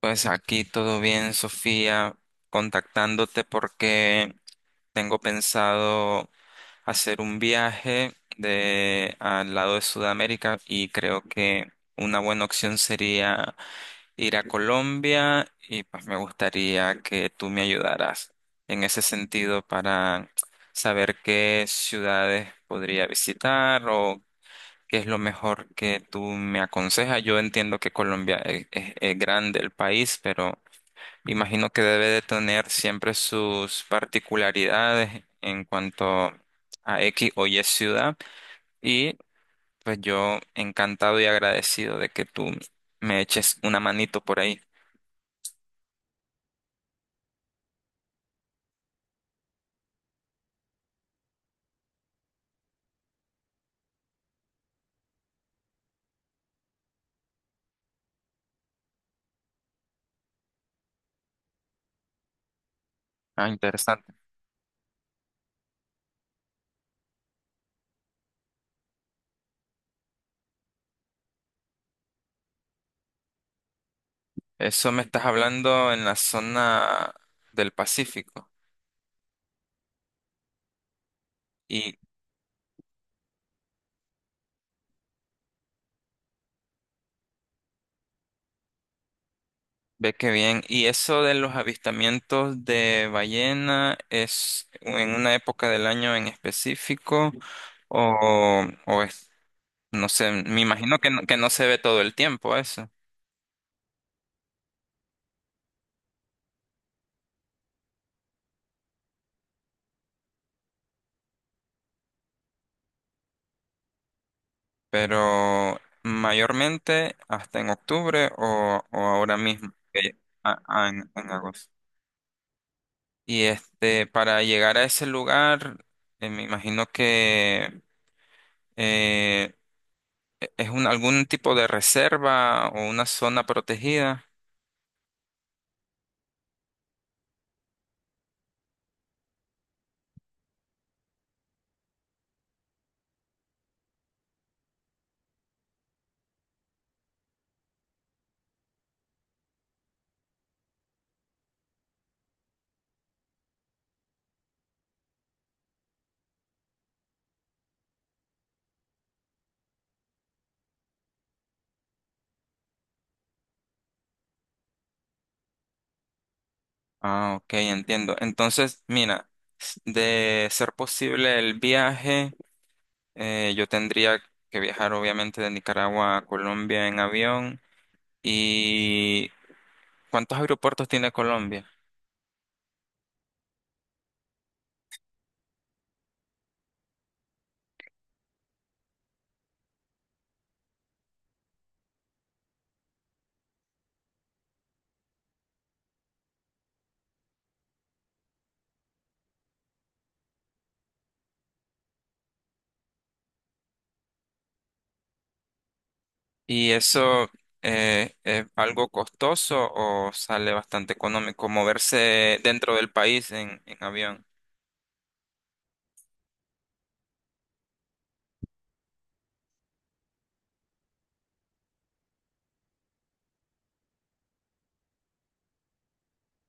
Pues aquí todo bien, Sofía, contactándote porque tengo pensado hacer un viaje de al lado de Sudamérica y creo que una buena opción sería ir a Colombia y pues me gustaría que tú me ayudaras en ese sentido para saber qué ciudades podría visitar o ¿qué es lo mejor que tú me aconsejas? Yo entiendo que Colombia es grande el país, pero imagino que debe de tener siempre sus particularidades en cuanto a X o Y ciudad. Y pues yo encantado y agradecido de que tú me eches una manito por ahí. Ah, interesante. Eso me estás hablando en la zona del Pacífico. Y ve que bien. ¿Y eso de los avistamientos de ballena es en una época del año en específico o es? No sé, me imagino que no se ve todo el tiempo eso, pero mayormente hasta en octubre o ahora mismo, en agosto. Y este, para llegar a ese lugar, me imagino que eh, es un, algún tipo de reserva o una zona protegida. Ah, ok, entiendo. Entonces, mira, s- de ser posible el viaje. Yo tendría que viajar obviamente de Nicaragua a Colombia en avión. ¿Y cuántos aeropuertos tiene Colombia? ¿Y eso es algo costoso o sale bastante económico moverse dentro del país en avión?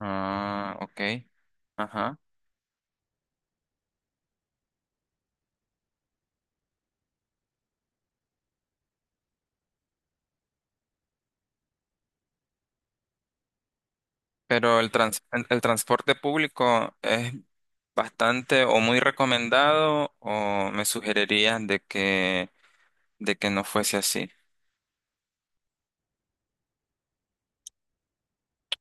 Ah, ok. Ajá. Pero el transporte público es bastante o muy recomendado o ¿me sugerirías de que no fuese así?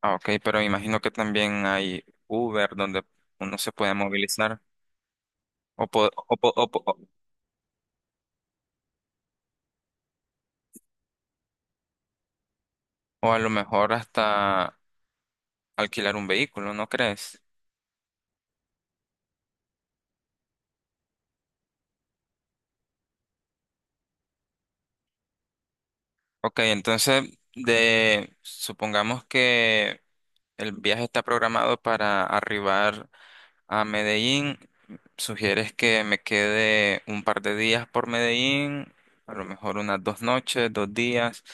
Ah, ok, pero me imagino que también hay Uber donde uno se puede movilizar o, po- o, po- o, po- o a lo mejor hasta alquilar un vehículo, ¿no crees? Ok, entonces de supongamos que el viaje está programado para arribar a Medellín. ¿Sugieres que me quede un par de días por Medellín? A lo mejor unas dos noches, dos días.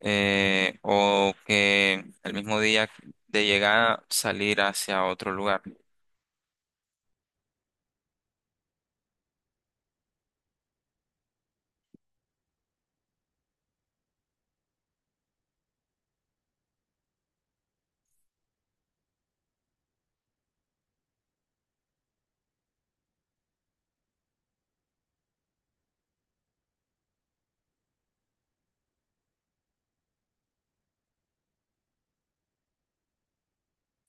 O que el mismo día de llegada salir hacia otro lugar.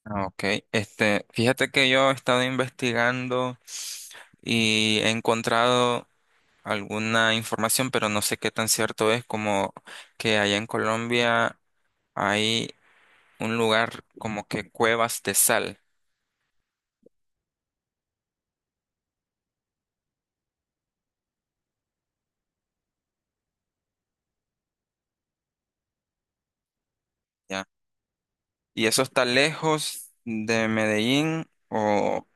Ah, ok, este, fíjate que yo he estado investigando y he encontrado alguna información, pero no sé qué tan cierto es como que allá en Colombia hay un lugar como que cuevas de sal, ¿ya? ¿Y eso está lejos de Medellín o?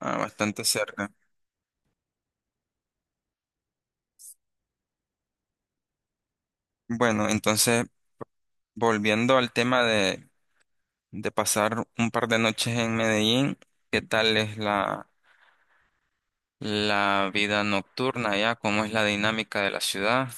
Ah, bastante cerca. Bueno, entonces, volviendo al tema de pasar un par de noches en Medellín, ¿qué tal es la vida nocturna allá? ¿Cómo es la dinámica de la ciudad?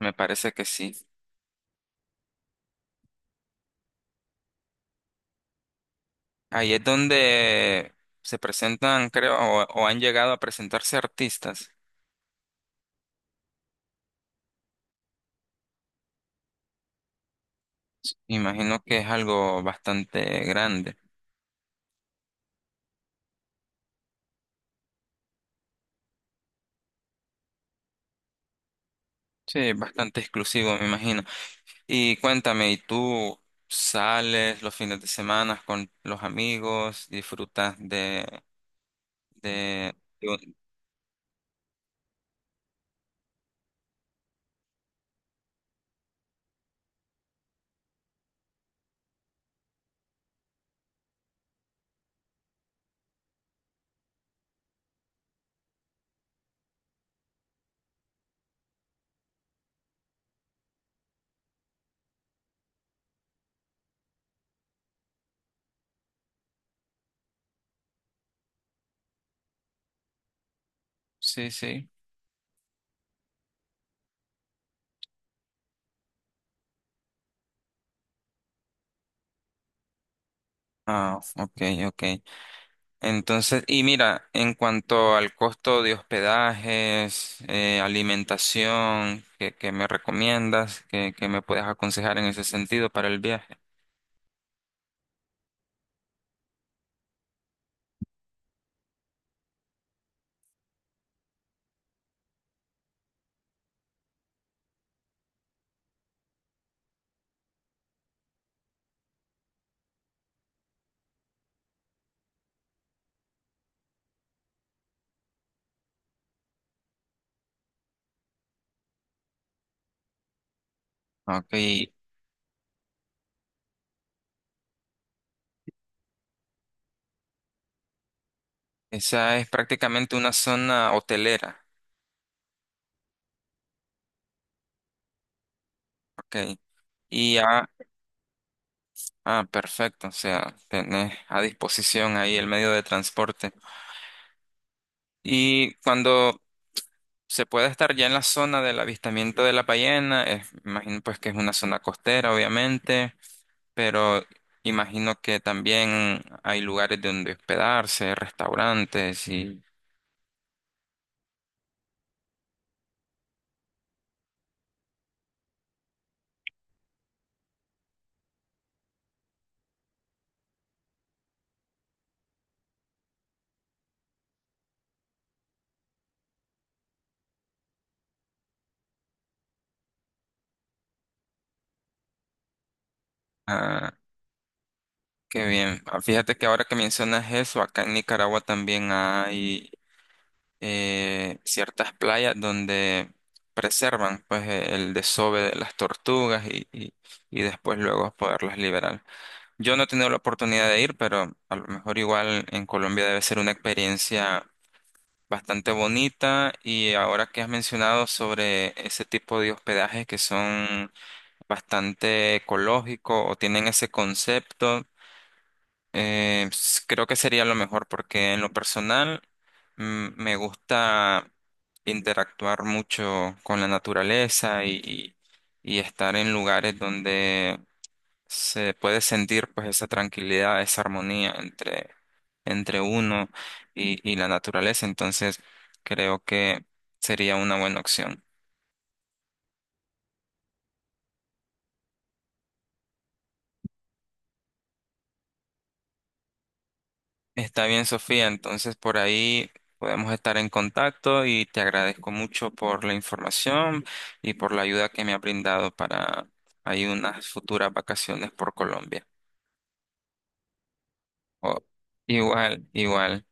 Me parece que sí. Ahí es donde se presentan, creo, o han llegado a presentarse artistas. Imagino que es algo bastante grande. Sí, bastante exclusivo, me imagino. Y cuéntame, ¿y tú sales los fines de semana con los amigos? ¿Disfrutas de un-? Sí, sí. Ah, ok, ok. Entonces, y mira, en cuanto al costo de hospedajes, alimentación, qué me recomiendas? Qué me puedes aconsejar en ese sentido para el viaje? Ok, esa es prácticamente una zona hotelera. Ok. Y, ya, ah, perfecto. O sea, tenés a disposición ahí el medio de transporte. Y cuando se puede estar ya en la zona del avistamiento de la ballena, es- imagino pues que es una zona costera, obviamente, pero imagino que también hay lugares donde hospedarse, restaurantes y... Ah, qué bien. Ah, fíjate que ahora que mencionas eso, acá en Nicaragua también hay ciertas playas donde preservan pues e- el desove de las tortugas y después luego poderlas liberar. Yo no he tenido la oportunidad de ir, pero a lo mejor igual en Colombia debe ser una experiencia bastante bonita y ahora que has mencionado sobre ese tipo de hospedajes que son bastante ecológicos o tienen ese concepto. S- creo que sería lo mejor porque en lo personal me gusta interactuar mucho con la naturaleza y estar en lugares donde se puede sentir pues esa tranquilidad, esa armonía entre, entre uno y la naturaleza. Entonces creo que sería una buena opción. Está bien, Sofía. Entonces, por ahí podemos estar en contacto y te agradezco mucho por la información y por la ayuda que me ha brindado para ahí unas futuras vacaciones por Colombia. Oh, igual, igual.